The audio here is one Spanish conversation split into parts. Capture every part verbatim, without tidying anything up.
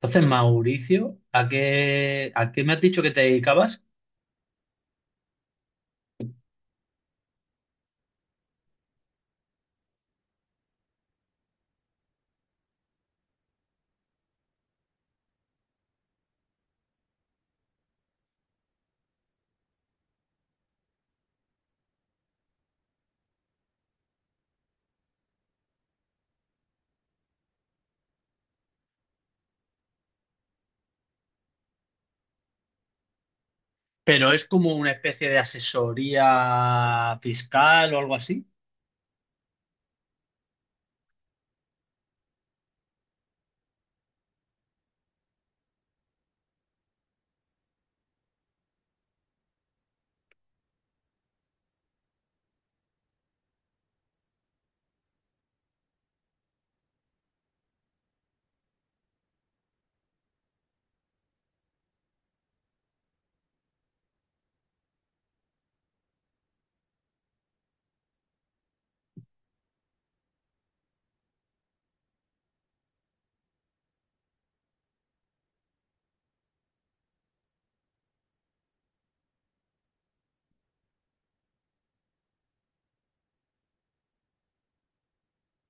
Entonces, Mauricio, ¿a qué, a qué me has dicho que te dedicabas? Pero es como una especie de asesoría fiscal o algo así.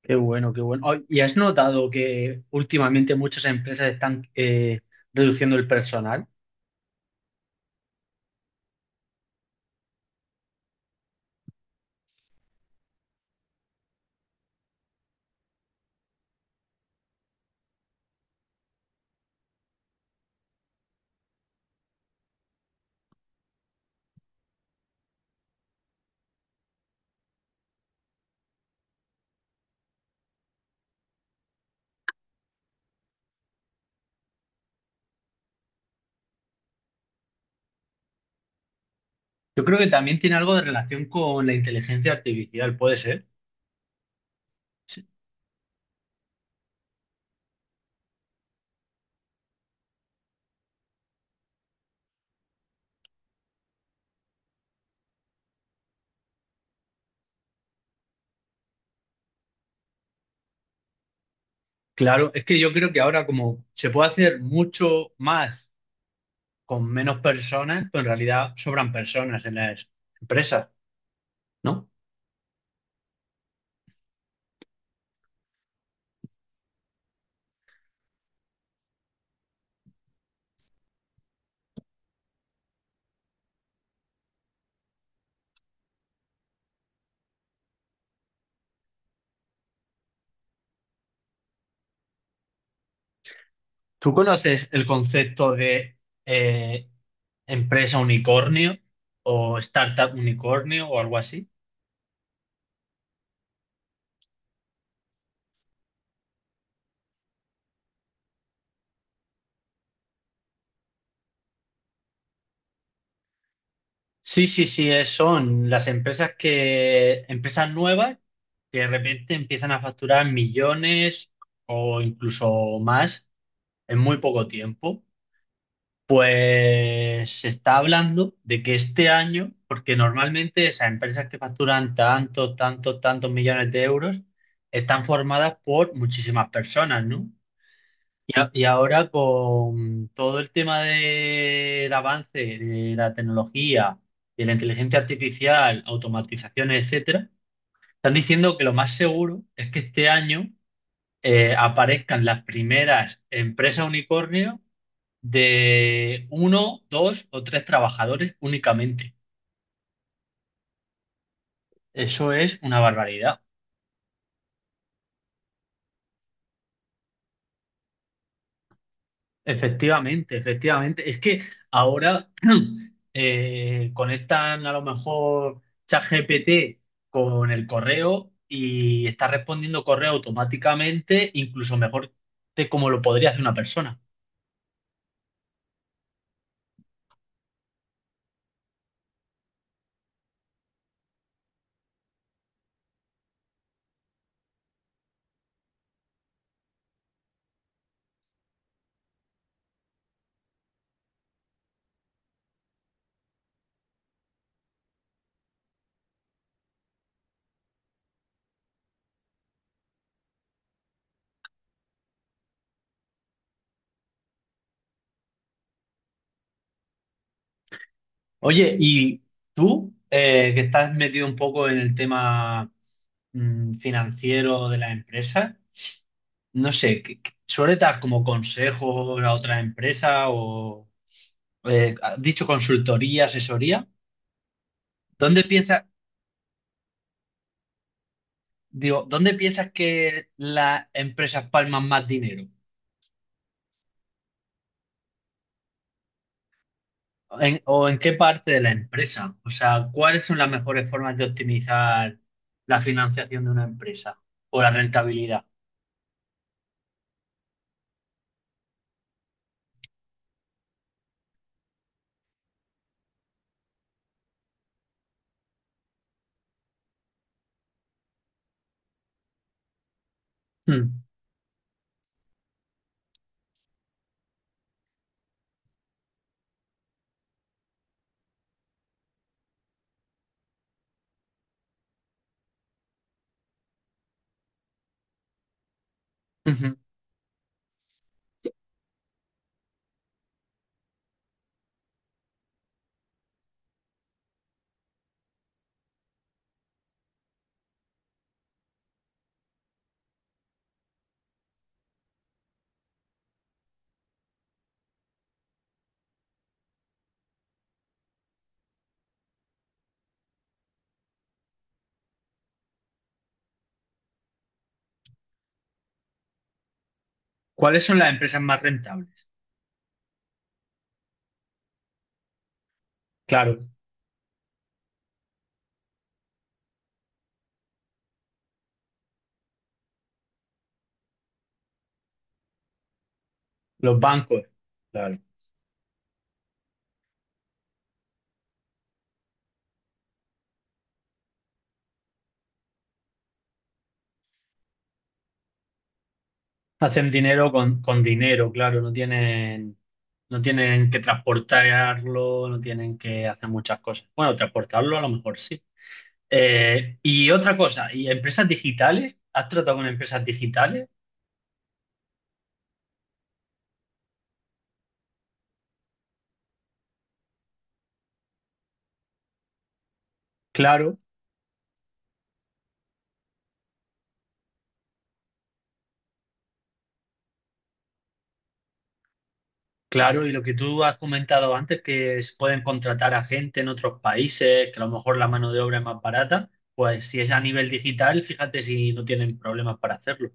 Qué bueno, qué bueno. Ay, ¿y has notado que últimamente muchas empresas están eh, reduciendo el personal? Yo creo que también tiene algo de relación con la inteligencia artificial, puede ser. Sí. Claro, es que yo creo que ahora como se puede hacer mucho más con menos personas, pues en realidad sobran personas en las empresas, ¿no? ¿Tú conoces el concepto de eh, empresa unicornio o startup unicornio o algo así? Sí, sí, sí, es- son las empresas que, empresas nuevas que de repente empiezan a facturar millones o incluso más en muy poco tiempo. Eh, se está hablando de que este año, porque normalmente esas empresas que facturan tantos, tantos, tantos millones de euros están formadas por muchísimas personas, ¿no? Y, a- y ahora con todo el tema del avance de la tecnología, de la inteligencia artificial, automatizaciones, etcétera, están diciendo que lo más seguro es que este año eh, aparezcan las primeras empresas unicornio de uno, dos o tres trabajadores únicamente. Eso es una barbaridad. Efectivamente, efectivamente. Es que ahora eh, conectan a lo mejor ChatGPT con el correo y está respondiendo correo automáticamente, incluso mejor de como lo podría hacer una persona. Oye, y tú, eh, que estás metido un poco en el tema mm, financiero de las empresas, no sé, ¿qué- qué- ¿suele dar como consejos a otras empresas o eh, has dicho consultoría, asesoría? ¿Dónde piensas? Digo, ¿dónde piensas que las empresas palman más dinero? ¿En- o en qué parte de la empresa? O sea, ¿cuáles son las mejores formas de optimizar la financiación de una empresa o la rentabilidad? Hmm, ujú. ¿Cuáles son las empresas más rentables? Claro, los bancos, claro. Hacen dinero con, con dinero, claro, no tienen, no tienen que transportarlo, no tienen que hacer muchas cosas. Bueno, transportarlo a lo mejor sí. Eh, y otra cosa, ¿y empresas digitales? ¿Has tratado con empresas digitales? Claro, claro. Y lo que tú has comentado antes, que se pueden contratar a gente en otros países, que a lo mejor la mano de obra es más barata, pues si es a nivel digital, fíjate si no tienen problemas para hacerlo.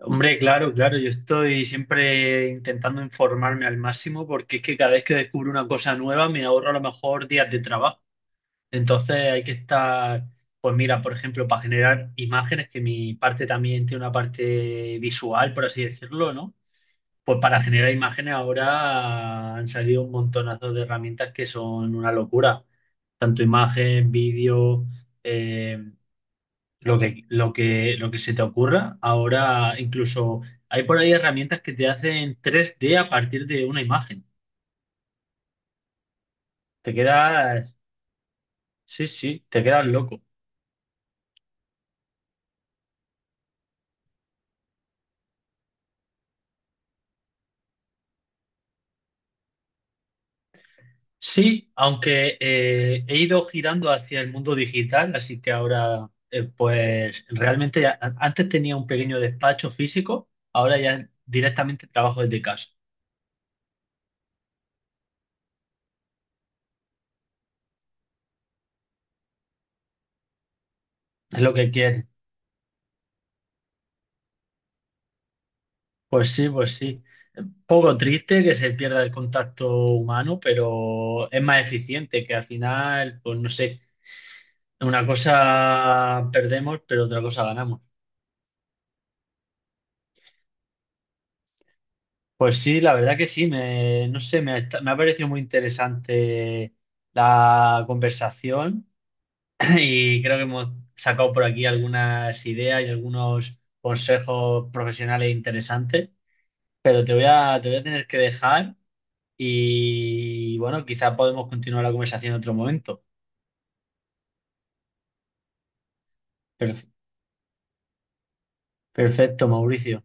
Hombre, claro, claro. Yo estoy siempre intentando informarme al máximo porque es que cada vez que descubro una cosa nueva me ahorro a lo mejor días de trabajo. Entonces hay que estar, pues mira, por ejemplo, para generar imágenes, que mi parte también tiene una parte visual, por así decirlo, ¿no? Pues para generar imágenes ahora han salido un montonazo de herramientas que son una locura. Tanto imagen, vídeo, eh, lo que, lo que, lo que se te ocurra. Ahora incluso hay por ahí herramientas que te hacen tres D a partir de una imagen. Te quedas, sí, sí, te quedas loco. Sí, aunque eh, he ido girando hacia el mundo digital, así que ahora, eh, pues realmente a- antes tenía un pequeño despacho físico, ahora ya directamente trabajo desde casa. Es lo que quiere. Pues sí, pues sí. Poco triste que se pierda el contacto humano, pero es más eficiente, que al final, pues no sé, una cosa perdemos, pero otra cosa ganamos. Pues sí, la verdad que sí, me, no sé, me ha, me ha parecido muy interesante la conversación y creo que hemos sacado por aquí algunas ideas y algunos consejos profesionales interesantes, pero te voy a, te voy a tener que dejar y bueno, quizá podemos continuar la conversación en otro momento. Per- perfecto, Mauricio.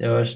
Adiós.